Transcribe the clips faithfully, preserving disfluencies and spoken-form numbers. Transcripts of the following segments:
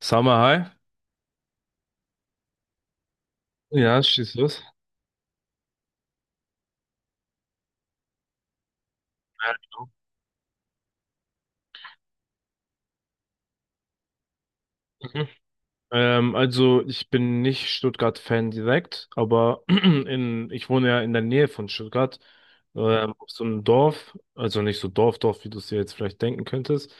Sag mal, hi. Ja, schieß los. Ja, genau. Mhm. Ähm, also ich bin nicht Stuttgart-Fan direkt, aber in, ich wohne ja in der Nähe von Stuttgart, ähm, auf so einem Dorf, also nicht so Dorf, Dorf, wie du es dir jetzt vielleicht denken könntest,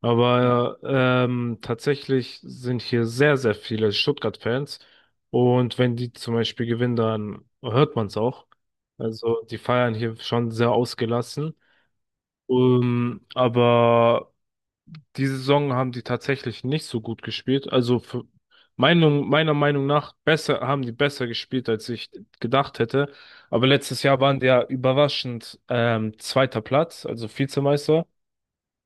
aber ähm, tatsächlich sind hier sehr, sehr viele Stuttgart-Fans und wenn die zum Beispiel gewinnen, dann hört man es auch. Also die feiern hier schon sehr ausgelassen. Ähm, aber Diese Saison haben die tatsächlich nicht so gut gespielt. Also für Meinung, meiner Meinung nach besser, haben die besser gespielt, als ich gedacht hätte. Aber letztes Jahr waren die ja überraschend ähm, zweiter Platz, also Vizemeister.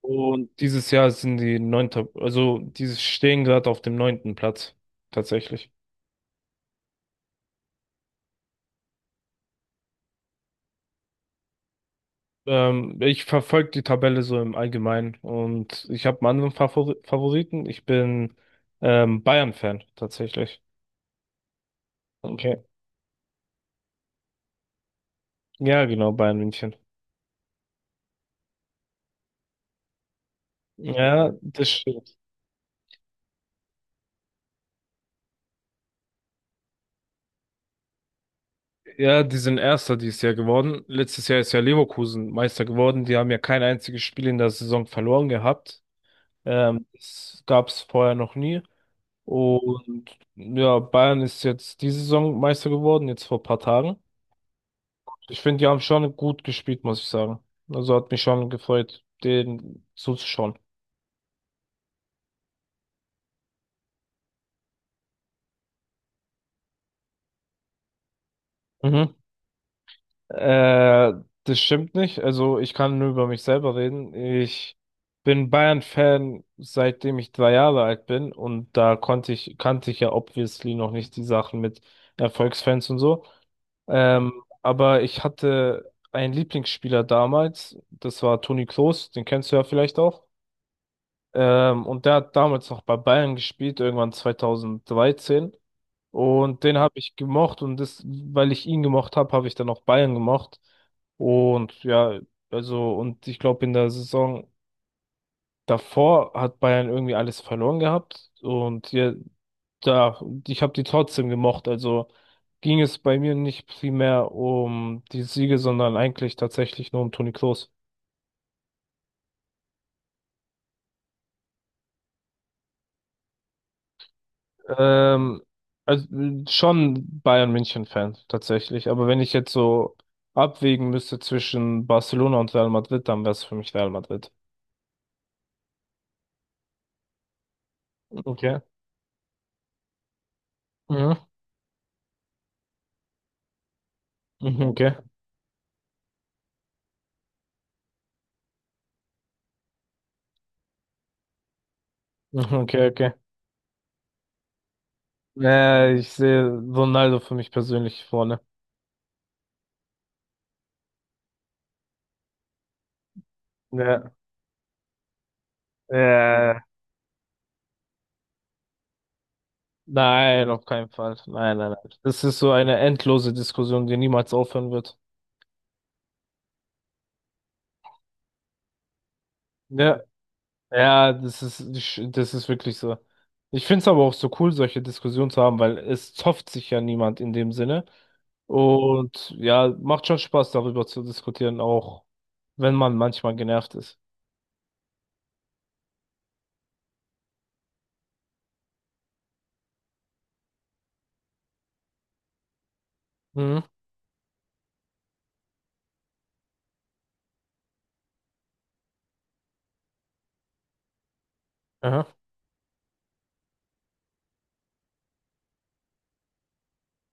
Und dieses Jahr sind die neunter, also die stehen gerade auf dem neunten Platz, tatsächlich. Ähm, ich verfolge die Tabelle so im Allgemeinen und ich habe einen anderen Favor Favoriten. Ich bin ähm, Bayern-Fan, tatsächlich. Okay. Ja, genau, Bayern München. Ja, das stimmt. Ja, die sind Erster dieses Jahr geworden. Letztes Jahr ist ja Leverkusen Meister geworden. Die haben ja kein einziges Spiel in der Saison verloren gehabt. Ähm, das gab es vorher noch nie. Und ja, Bayern ist jetzt diese Saison Meister geworden, jetzt vor ein paar Tagen. Ich finde, die haben schon gut gespielt, muss ich sagen. Also hat mich schon gefreut, denen zuzuschauen. Mhm. Äh, Das stimmt nicht. Also ich kann nur über mich selber reden. Ich bin Bayern-Fan, seitdem ich drei Jahre alt bin und da konnte ich, kannte ich ja obviously noch nicht die Sachen mit Erfolgsfans und so. Ähm, aber ich hatte einen Lieblingsspieler damals, das war Toni Kroos, den kennst du ja vielleicht auch. Ähm, und der hat damals noch bei Bayern gespielt, irgendwann zweitausenddreizehn. Und den habe ich gemocht und das, weil ich ihn gemocht habe, habe ich dann auch Bayern gemocht. Und ja, also, und ich glaube, in der Saison davor hat Bayern irgendwie alles verloren gehabt. Und ja, da, ich habe die trotzdem gemocht. Also ging es bei mir nicht primär um die Siege, sondern eigentlich tatsächlich nur um Toni Kroos. Ähm, also mh, schon Bayern München-Fan tatsächlich. Aber wenn ich jetzt so abwägen müsste zwischen Barcelona und Real Madrid, dann wäre es für mich Real Madrid. Okay. Mhm. Mhm, okay. Mhm, okay, okay. Äh, ich sehe Ronaldo für mich persönlich vorne. Ja. Äh, nein, auf keinen Fall. Nein, nein, nein. Das ist so eine endlose Diskussion, die niemals aufhören wird. Ja. Ja, das ist, das ist wirklich so. Ich finde es aber auch so cool, solche Diskussionen zu haben, weil es zofft sich ja niemand in dem Sinne. Und ja, macht schon Spaß, darüber zu diskutieren, auch wenn man manchmal genervt ist. Mhm. Aha.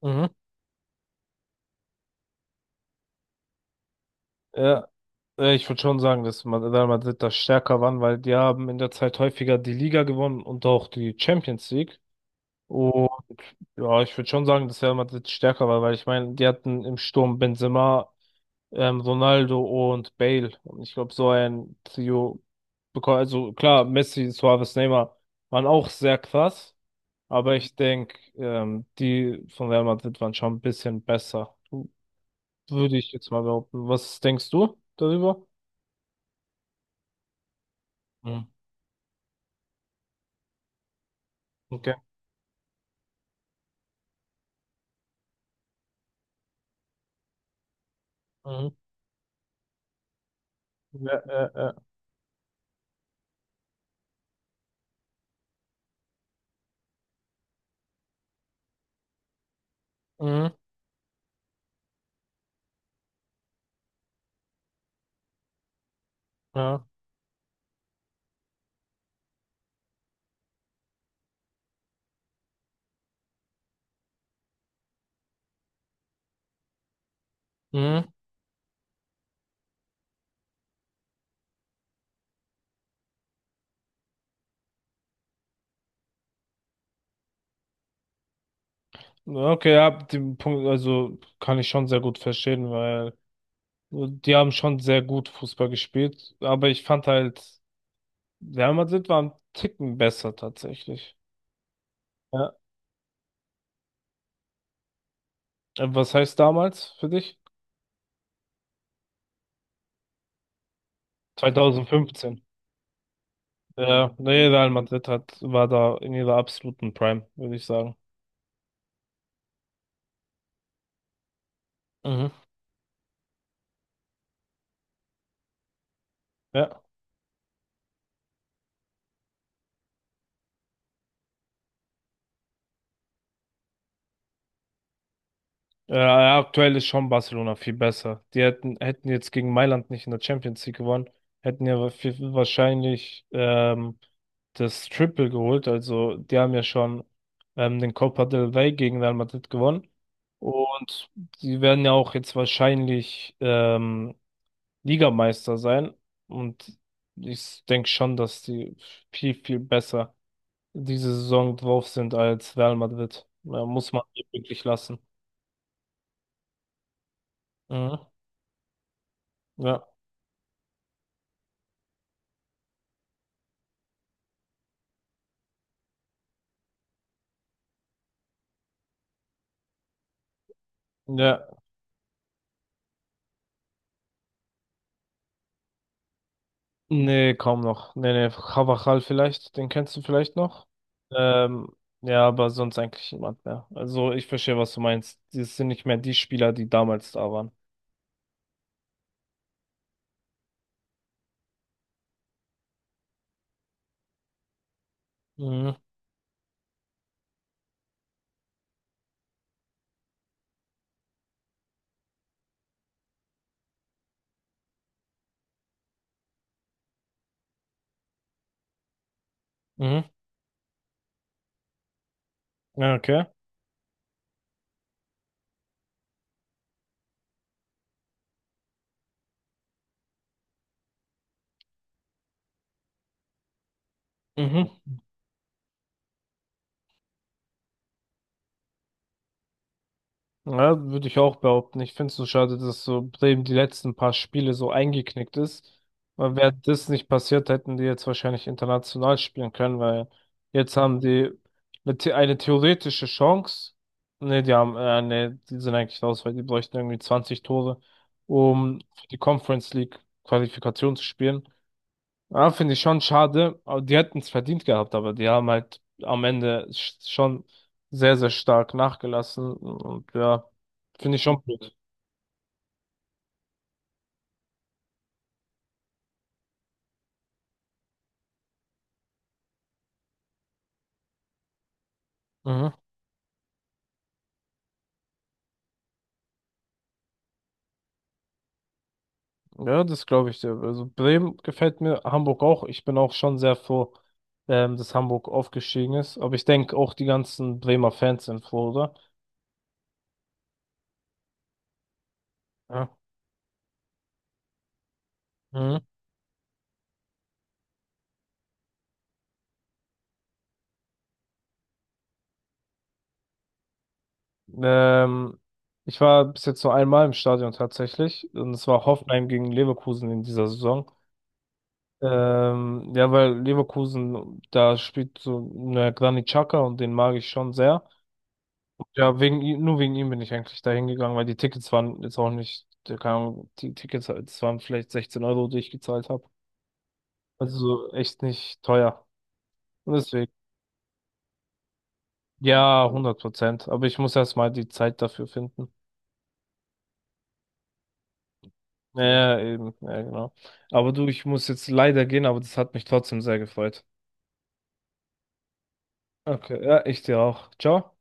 Mhm. Ja, äh, ich würde schon sagen, dass man Real Madrid da stärker waren, weil die haben in der Zeit häufiger die Liga gewonnen und auch die Champions League. Und ja, ich würde schon sagen, dass Real Madrid stärker war, weil ich meine, die hatten im Sturm Benzema ähm, Ronaldo und Bale. Und ich glaube, so ein Trio bekommt, also klar, Messi, Suarez, Neymar waren auch sehr krass, aber ich denke, ähm, die von Real Madrid waren schon ein bisschen besser. Würde ich jetzt mal behaupten. Was denkst du darüber? Mhm. Okay. Mhm. Ja, äh, äh. Mhm. Ja. Mhm. Ja, okay, ja, den Punkt, also kann ich schon sehr gut verstehen, weil die haben schon sehr gut Fußball gespielt, aber ich fand halt Real Madrid war ein Ticken besser tatsächlich. Ja. Äh, Was heißt damals für dich? zweitausendfünfzehn. Ja, nee, Real Madrid hat, war da in ihrer absoluten Prime, würde ich sagen. Mhm. Ja. Äh, aktuell ist schon Barcelona viel besser. Die hätten, hätten jetzt gegen Mailand nicht in der Champions League gewonnen, hätten ja wa- viel- wahrscheinlich ähm, das Triple geholt. Also die haben ja schon ähm, den Copa del Rey gegen Real Madrid gewonnen. Und die werden ja auch jetzt wahrscheinlich ähm, Ligameister sein. Und ich denke schon, dass die viel, viel besser diese Saison drauf sind als Real Madrid. Ja, muss man wirklich lassen. Mhm. Ja. Ja, nee, kaum noch. Nee, nee, Carvajal vielleicht, den kennst du vielleicht noch. Ähm, ja, aber sonst eigentlich niemand mehr. Also ich verstehe, was du meinst. Das sind nicht mehr die Spieler, die damals da waren. Mhm. Mhm. Ja, okay. Mhm. Ja, würde ich auch behaupten. Ich finde es so schade, dass so Bremen die letzten paar Spiele so eingeknickt ist. Weil wäre das nicht passiert, hätten die jetzt wahrscheinlich international spielen können, weil jetzt haben die eine, The- eine theoretische Chance. Ne, die haben, äh, ne, die sind eigentlich raus, weil die bräuchten irgendwie zwanzig Tore, um für die Conference League Qualifikation zu spielen. Ja, finde ich schon schade. Aber die hätten es verdient gehabt, aber die haben halt am Ende sch- schon sehr, sehr stark nachgelassen. Und ja, finde ich schon blöd. Mhm. Ja, das glaube ich dir. Also Bremen gefällt mir, Hamburg auch. Ich bin auch schon sehr froh, ähm, dass Hamburg aufgestiegen ist. Aber ich denke auch die ganzen Bremer Fans sind froh, oder? Ja. Mhm. Ähm, Ich war bis jetzt nur einmal im Stadion tatsächlich. Und es war Hoffenheim gegen Leverkusen in dieser Saison. Ähm, ja, weil Leverkusen, da spielt so eine Granit Xhaka und den mag ich schon sehr. Ja, wegen, ihm- nur wegen ihm bin ich eigentlich da hingegangen, weil die Tickets waren jetzt auch nicht, keine Ahnung, die Tickets, das waren vielleicht sechzehn Euro, die ich gezahlt habe. Also so echt nicht teuer. Und deswegen, ja, hundert Prozent. Aber ich muss erst mal die Zeit dafür finden. Ja, ja, eben, ja, genau. Aber du, ich muss jetzt leider gehen, aber das hat mich trotzdem sehr gefreut. Okay, ja, ich dir auch. Ciao.